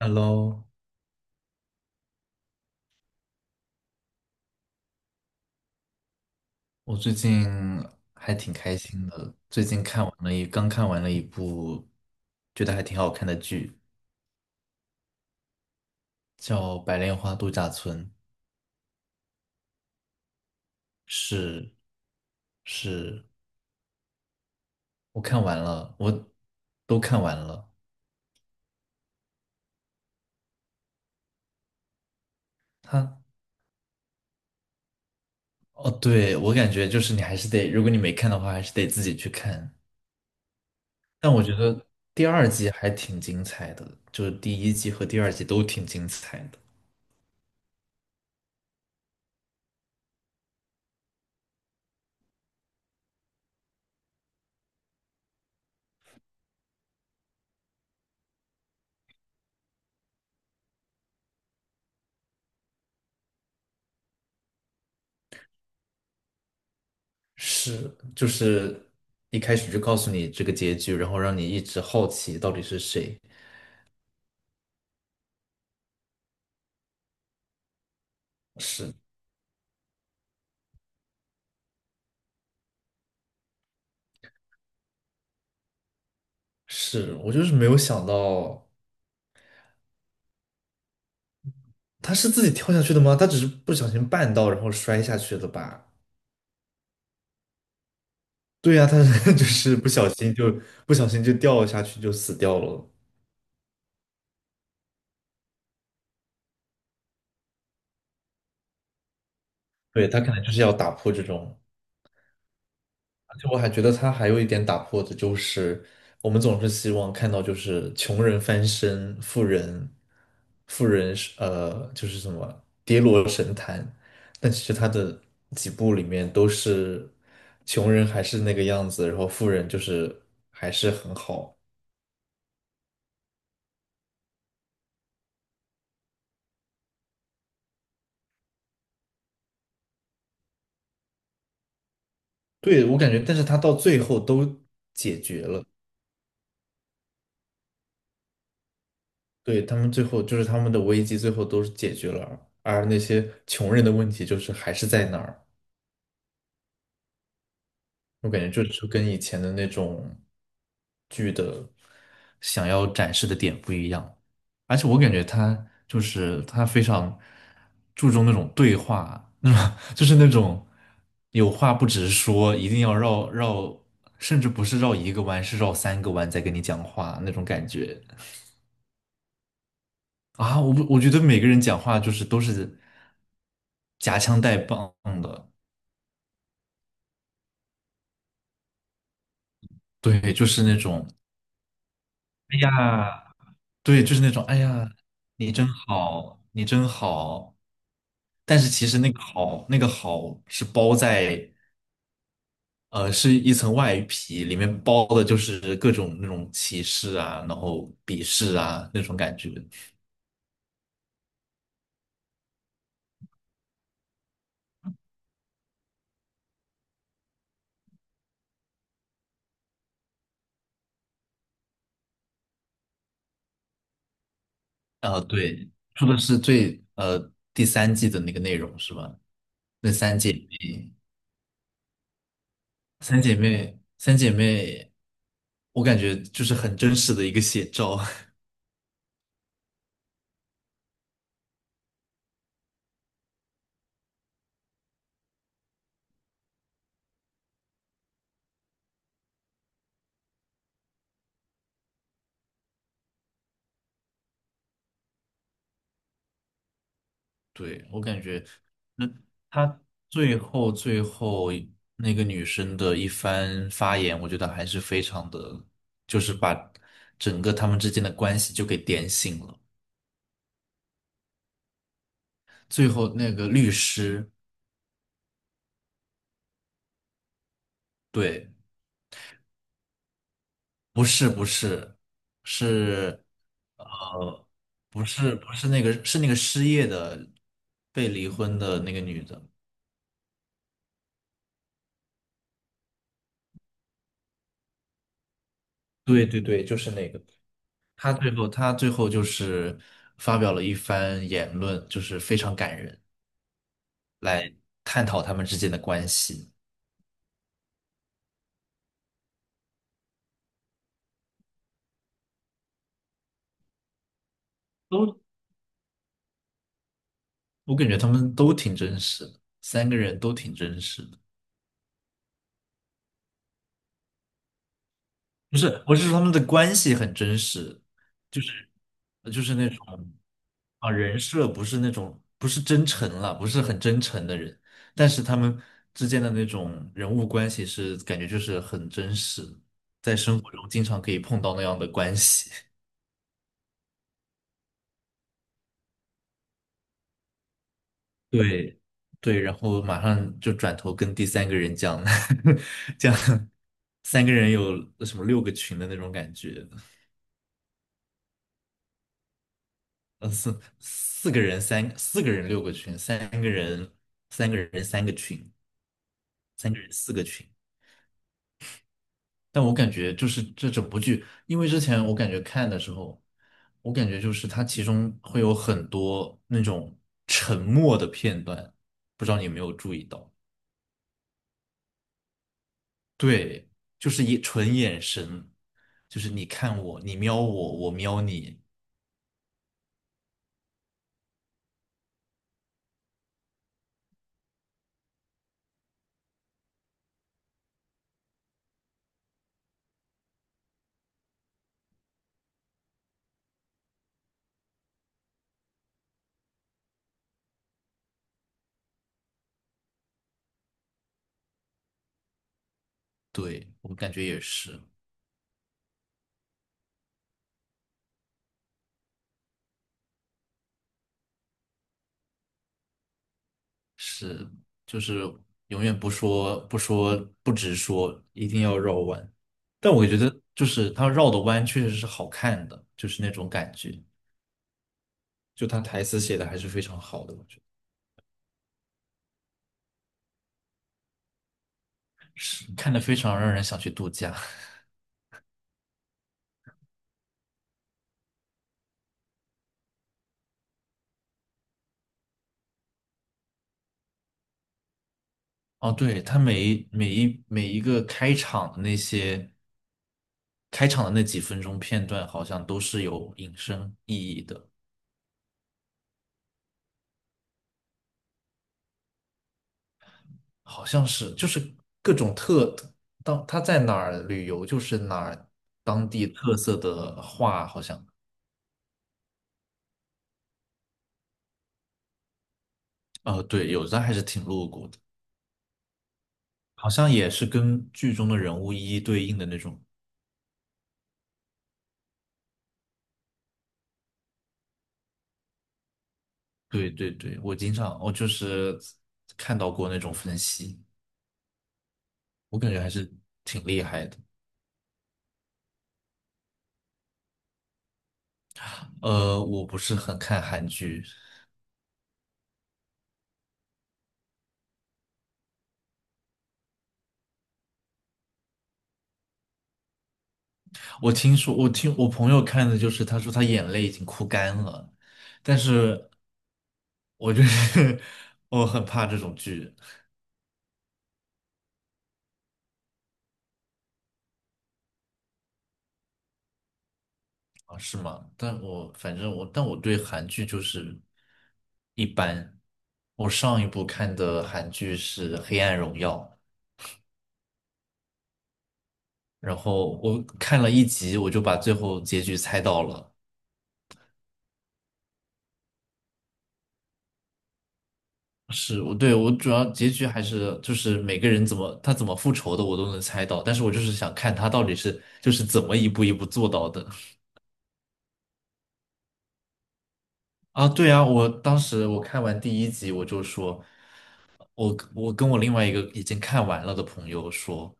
Hello，我最近还挺开心的。最近看完了一，刚看完了一部觉得还挺好看的剧，叫《白莲花度假村》。是是，我看完了，我都看完了。它哦，对，我感觉就是你还是得，如果你没看的话，还是得自己去看。但我觉得第二季还挺精彩的，就是第一季和第二季都挺精彩的。是，就是一开始就告诉你这个结局，然后让你一直好奇到底是谁。是是，我就是没有想到他是自己跳下去的吗？他只是不小心绊到，然后摔下去的吧？对呀，他是 就是不小心就掉下去就死掉了。对，他可能就是要打破这种。而且我还觉得他还有一点打破的就是，我们总是希望看到就是穷人翻身，富人，富人是就是什么跌落神坛，但其实他的几部里面都是穷人还是那个样子，然后富人就是还是很好。对，我感觉，但是他到最后都解决了，对，他们最后就是他们的危机最后都是解决了，而那些穷人的问题就是还是在那儿。我感觉就跟以前的那种剧的想要展示的点不一样，而且我感觉他就是他非常注重那种对话，就是那种有话不直说，一定要绕绕，甚至不是绕一个弯，是绕三个弯在跟你讲话那种感觉啊！我不我觉得每个人讲话就是都是夹枪带棒的，对，就是那种，哎呀。对，就是那种，哎呀，你真好，你真好。但是其实那个好，那个好是包在，是一层外皮，里面包的就是各种那种歧视啊，然后鄙视啊那种感觉。啊、对，说的是第三季的那个内容是吧？那三姐妹，三姐妹，三姐妹，我感觉就是很真实的一个写照。对，我感觉，那他最后那个女生的一番发言，我觉得还是非常的，就是把整个他们之间的关系就给点醒了。最后那个律师，对，不是不是，是呃，不是不是那个是那个失业的被离婚的那个女的，对对对，就是那个。她最后就是发表了一番言论，就是非常感人。来探讨他们之间的关系。我感觉他们都挺真实的，三个人都挺真实的。不是，我是说他们的关系很真实，就是就是那种啊人设不是那种不是真诚了，不是很真诚的人，但是他们之间的那种人物关系是感觉就是很真实，在生活中经常可以碰到那样的关系。对对，然后马上就转头跟第三个人讲，讲三个人有什么六个群的那种感觉，四个人三四个人六个群，三个人三个群，三个人四个群。但我感觉就是这整部剧，因为之前我感觉看的时候，我感觉就是它其中会有很多那种沉默的片段，不知道你有没有注意到。对，就是一纯眼神，就是你看我，你瞄我，我瞄你，对，我感觉也是，是，就是永远不直说，一定要绕弯。但我觉得就是他绕的弯确实是好看的，就是那种感觉，就他台词写的还是非常好的，我觉得是看的非常让人想去度假。哦，对，他每一个开场的那几分钟片段，好像都是有引申意义的，好像是就是各种当他在哪儿旅游，就是哪儿当地特色的话，好像哦，对，有的还是挺露骨的，好像也是跟剧中的人物一一对应的那种。对对对，我经常我就是看到过那种分析，我感觉还是挺厉害的。我不是很看韩剧，我听我朋友看的就是，他说他眼泪已经哭干了，但是我就是 我很怕这种剧啊，是吗？但我反正我，但我对韩剧就是一般。我上一部看的韩剧是《黑暗荣耀》，然后我看了一集，我就把最后结局猜到了。是我主要结局还是就是每个人他怎么复仇的我都能猜到，但是我就是想看他到底是就是怎么一步一步做到的啊！对啊，我当时看完第一集我就说，我跟我另外一个已经看完了的朋友说，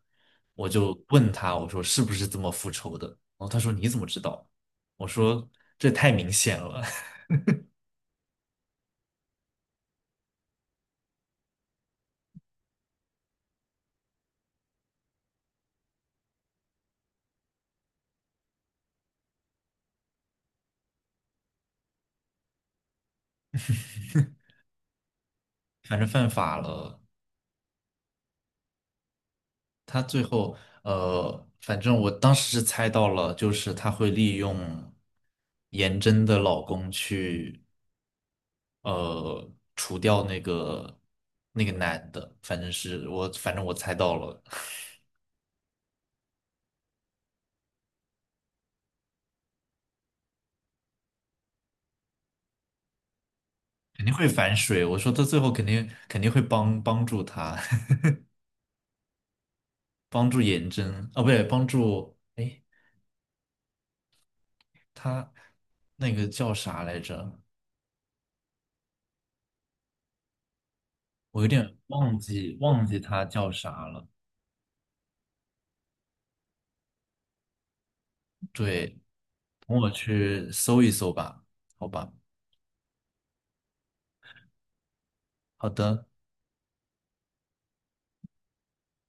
我就问他我说是不是这么复仇的？然后他说你怎么知道？我说这太明显了，反正犯法了。他最后，反正我当时是猜到了，就是他会利用颜真的老公去，除掉那个男的，反正我猜到了，肯定会反水。我说他最后肯定会帮助他，帮助颜真，啊，不对，帮助，哎，他那个叫啥来着？我有点忘记他叫啥了。对，等我去搜一搜吧，好吧。好的，